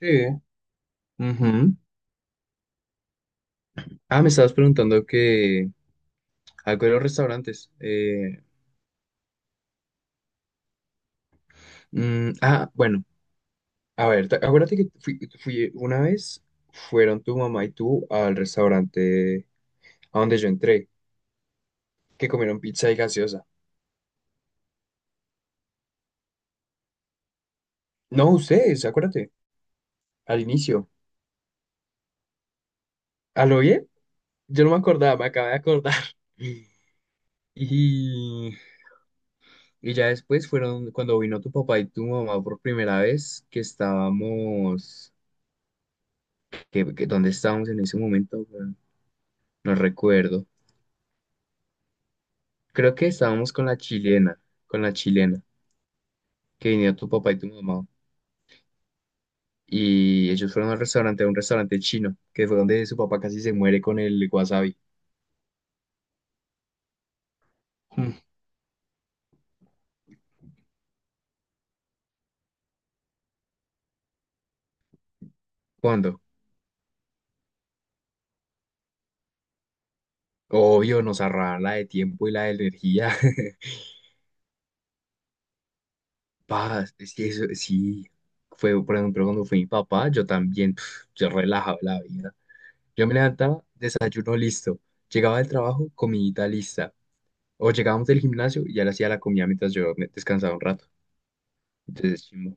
Sí. Ujú. Ah, me estabas preguntando que algo de los restaurantes. Ah, bueno, a ver, acuérdate que fui una vez, fueron tu mamá y tú al restaurante a donde yo entré, que comieron pizza y gaseosa. No, ustedes, acuérdate, al inicio. ¿A lo bien? Yo no me acordaba, me acabé de acordar. Y, y ya después fueron cuando vino tu papá y tu mamá por primera vez, que estábamos, ¿dónde estábamos en ese momento? No recuerdo. Creo que estábamos con la chilena, que vinieron tu papá y tu mamá. Y ellos fueron al restaurante, a un restaurante chino, que fue donde su papá casi se muere con el wasabi. Mm. ¿Cuándo? Obvio, nos ahorraban la de tiempo y la de energía. Paz, es que eso sí. Fue, por ejemplo, cuando fue mi papá, yo también, pf, yo relajaba la vida. Yo me levantaba, desayuno listo. Llegaba del trabajo, comidita lista. O llegábamos del gimnasio y ya le hacía la comida mientras yo me descansaba un rato. Entonces, chimbo.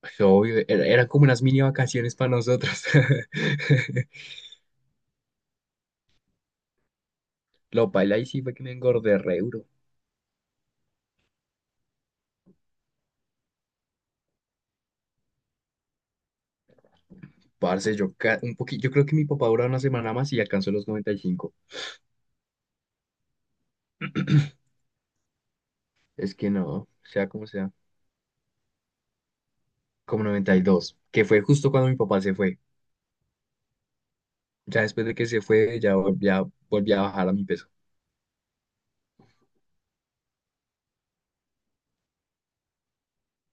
Pues, obvio, era como unas mini vacaciones para nosotros. Lo paila y sí fue que me engordé re duro. Parce, yo, un poquito, yo creo que mi papá duró una semana más y alcanzó los 95. Es que no, sea, como 92 que fue justo cuando mi papá se fue. Ya después de que se fue, ya volví a bajar a mi peso.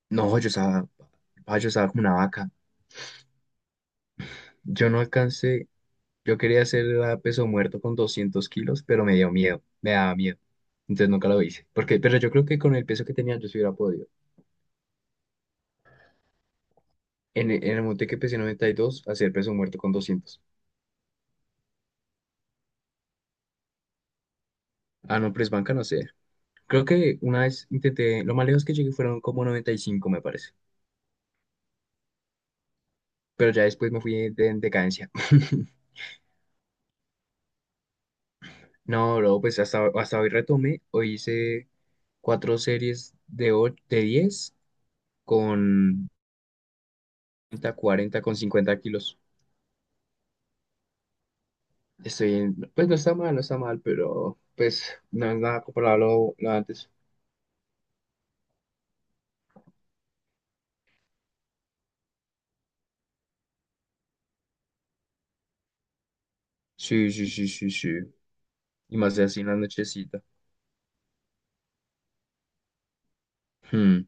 No, yo estaba, ah, yo estaba como una vaca. Yo no alcancé, yo quería hacer la peso muerto con 200 kilos, pero me dio miedo, me daba miedo. Entonces nunca lo hice. Porque, pero yo creo que con el peso que tenía yo sí hubiera podido. En, en el monte que pesé 92, hacer peso muerto con 200. Ah, no, press banca no sé. Creo que una vez intenté, lo más lejos que llegué fueron como 95 me parece. Pero ya después me fui en decadencia. No, bro, pues hasta hoy retomé. Hoy hice cuatro series de 10, con 30, 40, con 50 kilos. Pues no está mal, no está mal, pero pues no es nada comparable a lo antes. Sí, sí, sí, sí, sí. Y más de así en la nochecita. Hmm.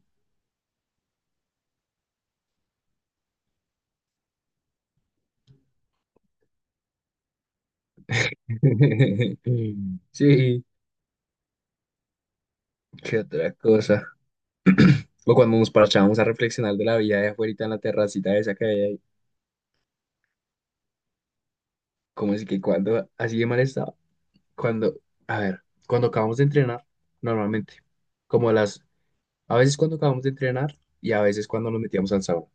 Sí, qué otra cosa. O cuando nos parchábamos a reflexionar de la vida de afuera en la terracita esa que había ahí. Como es que cuando así de mal estaba? Cuando, a ver, cuando acabamos de entrenar, normalmente. Como las, a veces cuando acabamos de entrenar y a veces cuando nos metíamos al sauna,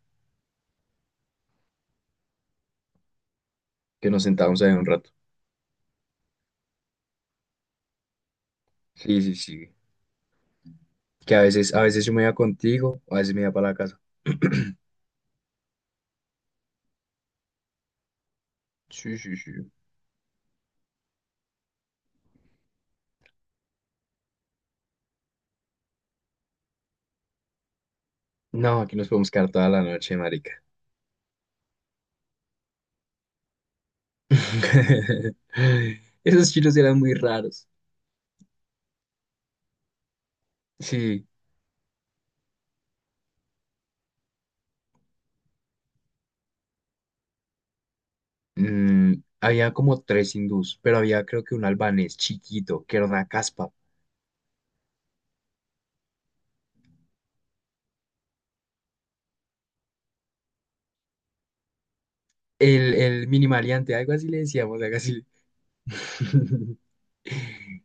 que nos sentábamos ahí un rato. Sí, sí, sí. Que a veces yo me iba contigo, a veces me iba para la casa. Sí, sí, sí. No, aquí nos podemos quedar toda la noche, marica. Esos chinos eran muy raros. Sí, mm, había como tres hindús, pero había creo que un albanés chiquito, que era una caspa. El mini maleante, algo así le decíamos, algo así.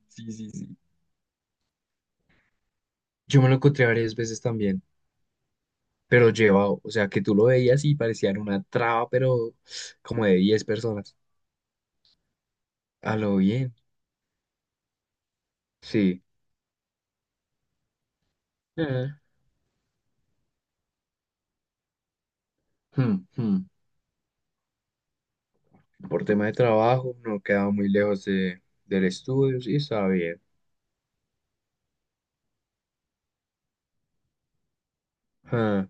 Sí, sí, sí. Yo me lo encontré varias veces también, pero llevado, o sea, que tú lo veías y parecían una traba, pero como de 10 personas. A lo bien, sí. Mm. Hmm, hmm. Por tema de trabajo, no quedaba muy lejos del estudio, sí, estaba bien. Ah,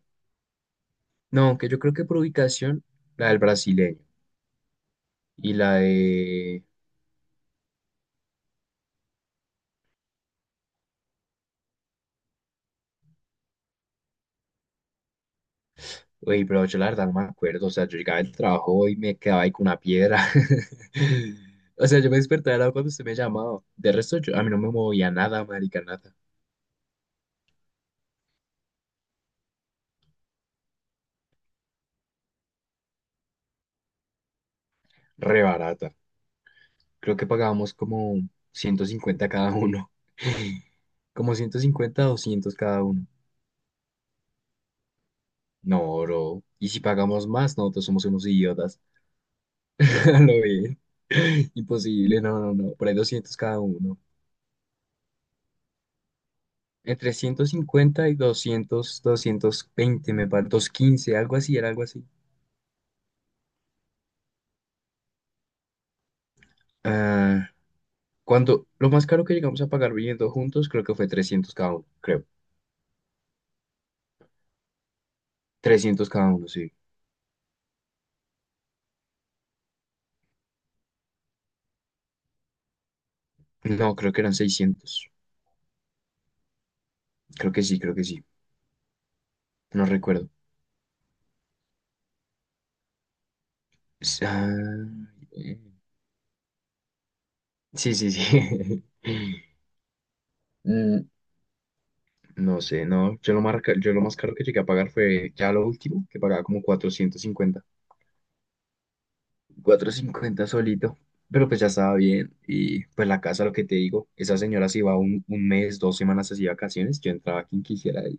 no, aunque yo creo que por ubicación, la del brasileño y la de... Oye, pero yo la verdad no me acuerdo, o sea, yo llegaba del trabajo y me quedaba ahí con una piedra. O sea, yo me despertaba era cuando usted me llamaba. De resto, yo, a mí no me movía nada, marica, nada. Re barata. Creo que pagábamos como 150 cada uno. Como 150 200 cada uno. No, bro. Y si pagamos más, nosotros somos unos idiotas. Lo bien. Imposible, no, no, no. Por ahí 200 cada uno. Entre ciento cincuenta y doscientos veinte me parece. 215 algo así, era algo así. Ah, cuando lo más caro que llegamos a pagar viviendo juntos, creo que fue 300 cada uno, creo. Trescientos cada uno, sí. No, creo que eran 600. Creo que sí, creo que sí. No recuerdo. S- ah, eh, sí, sí, sí. Mm, no sé, no. Yo lo, marca, yo lo más caro que llegué a pagar fue ya lo último, que pagaba como 450 450 solito. Pero pues ya estaba bien. Y pues la casa, lo que te digo, esa señora se iba un mes, 2 semanas así de vacaciones. Yo entraba a quien quisiera ahí.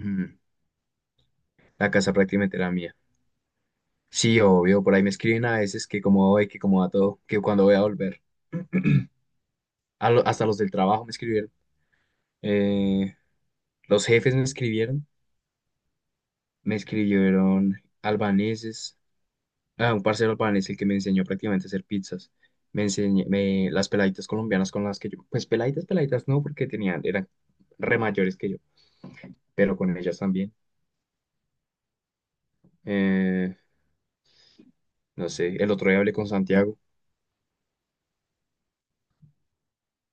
Mm. La casa prácticamente era mía. Sí, obvio, por ahí me escriben a veces que cómo voy, que cómo va todo, que cuando voy a volver. Hasta los del trabajo me escribieron. Eh, los jefes me escribieron, me escribieron albaneses, ah, un parcero albanés el que me enseñó prácticamente a hacer pizzas. Me enseñé, me, las peladitas colombianas con las que yo, pues peladitas, peladitas no, porque tenían, eran re mayores que yo, pero con ellas también. Eh, no sé, el otro día hablé con Santiago.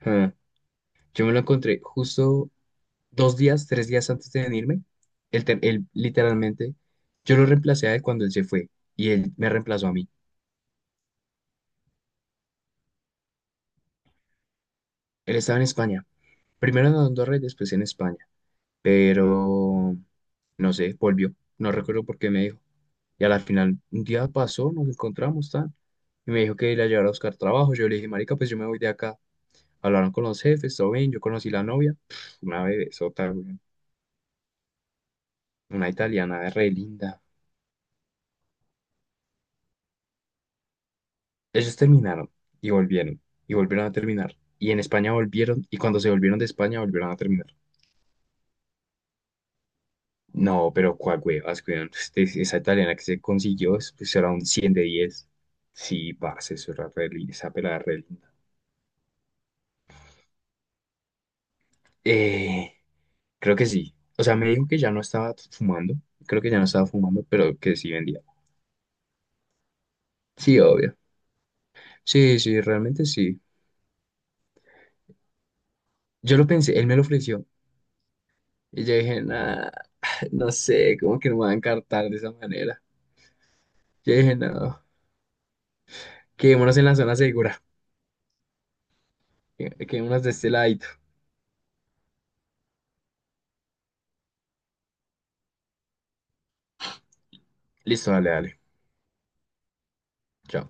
Ah, yo me lo encontré justo 2 días, 3 días antes de venirme. Él, él literalmente, yo lo reemplacé a él cuando él se fue y él me reemplazó a mí. Él estaba en España, primero en Andorra y después en España. Pero no sé, volvió. No recuerdo por qué me dijo. Y a la final, un día pasó, nos encontramos, tan. Y me dijo que la llevara a buscar trabajo. Yo le dije, marica, pues yo me voy de acá. Hablaron con los jefes, todo bien. Yo conocí la novia. Pf, una bebesota, güey. Una italiana re linda. Ellos terminaron y volvieron. Y volvieron a terminar. Y en España volvieron. Y cuando se volvieron de España, volvieron a terminar. No, pero cuál huevas, weón. Esa italiana que se consiguió, pues era un cien de diez. Sí, parce, eso era re linda, esa pelada era re linda. Eh, creo que sí. O sea, me dijo que ya no estaba fumando. Creo que ya no estaba fumando, pero que sí vendía. Sí, obvio. Sí, sí, realmente sí. Yo lo pensé, él me lo ofreció. Y yo dije, nah, no sé, como que no me van a encartar de esa manera. Yo dije, no, quedémonos en la zona segura. Quedémonos de este ladito. Listo, dale, dale. Chao.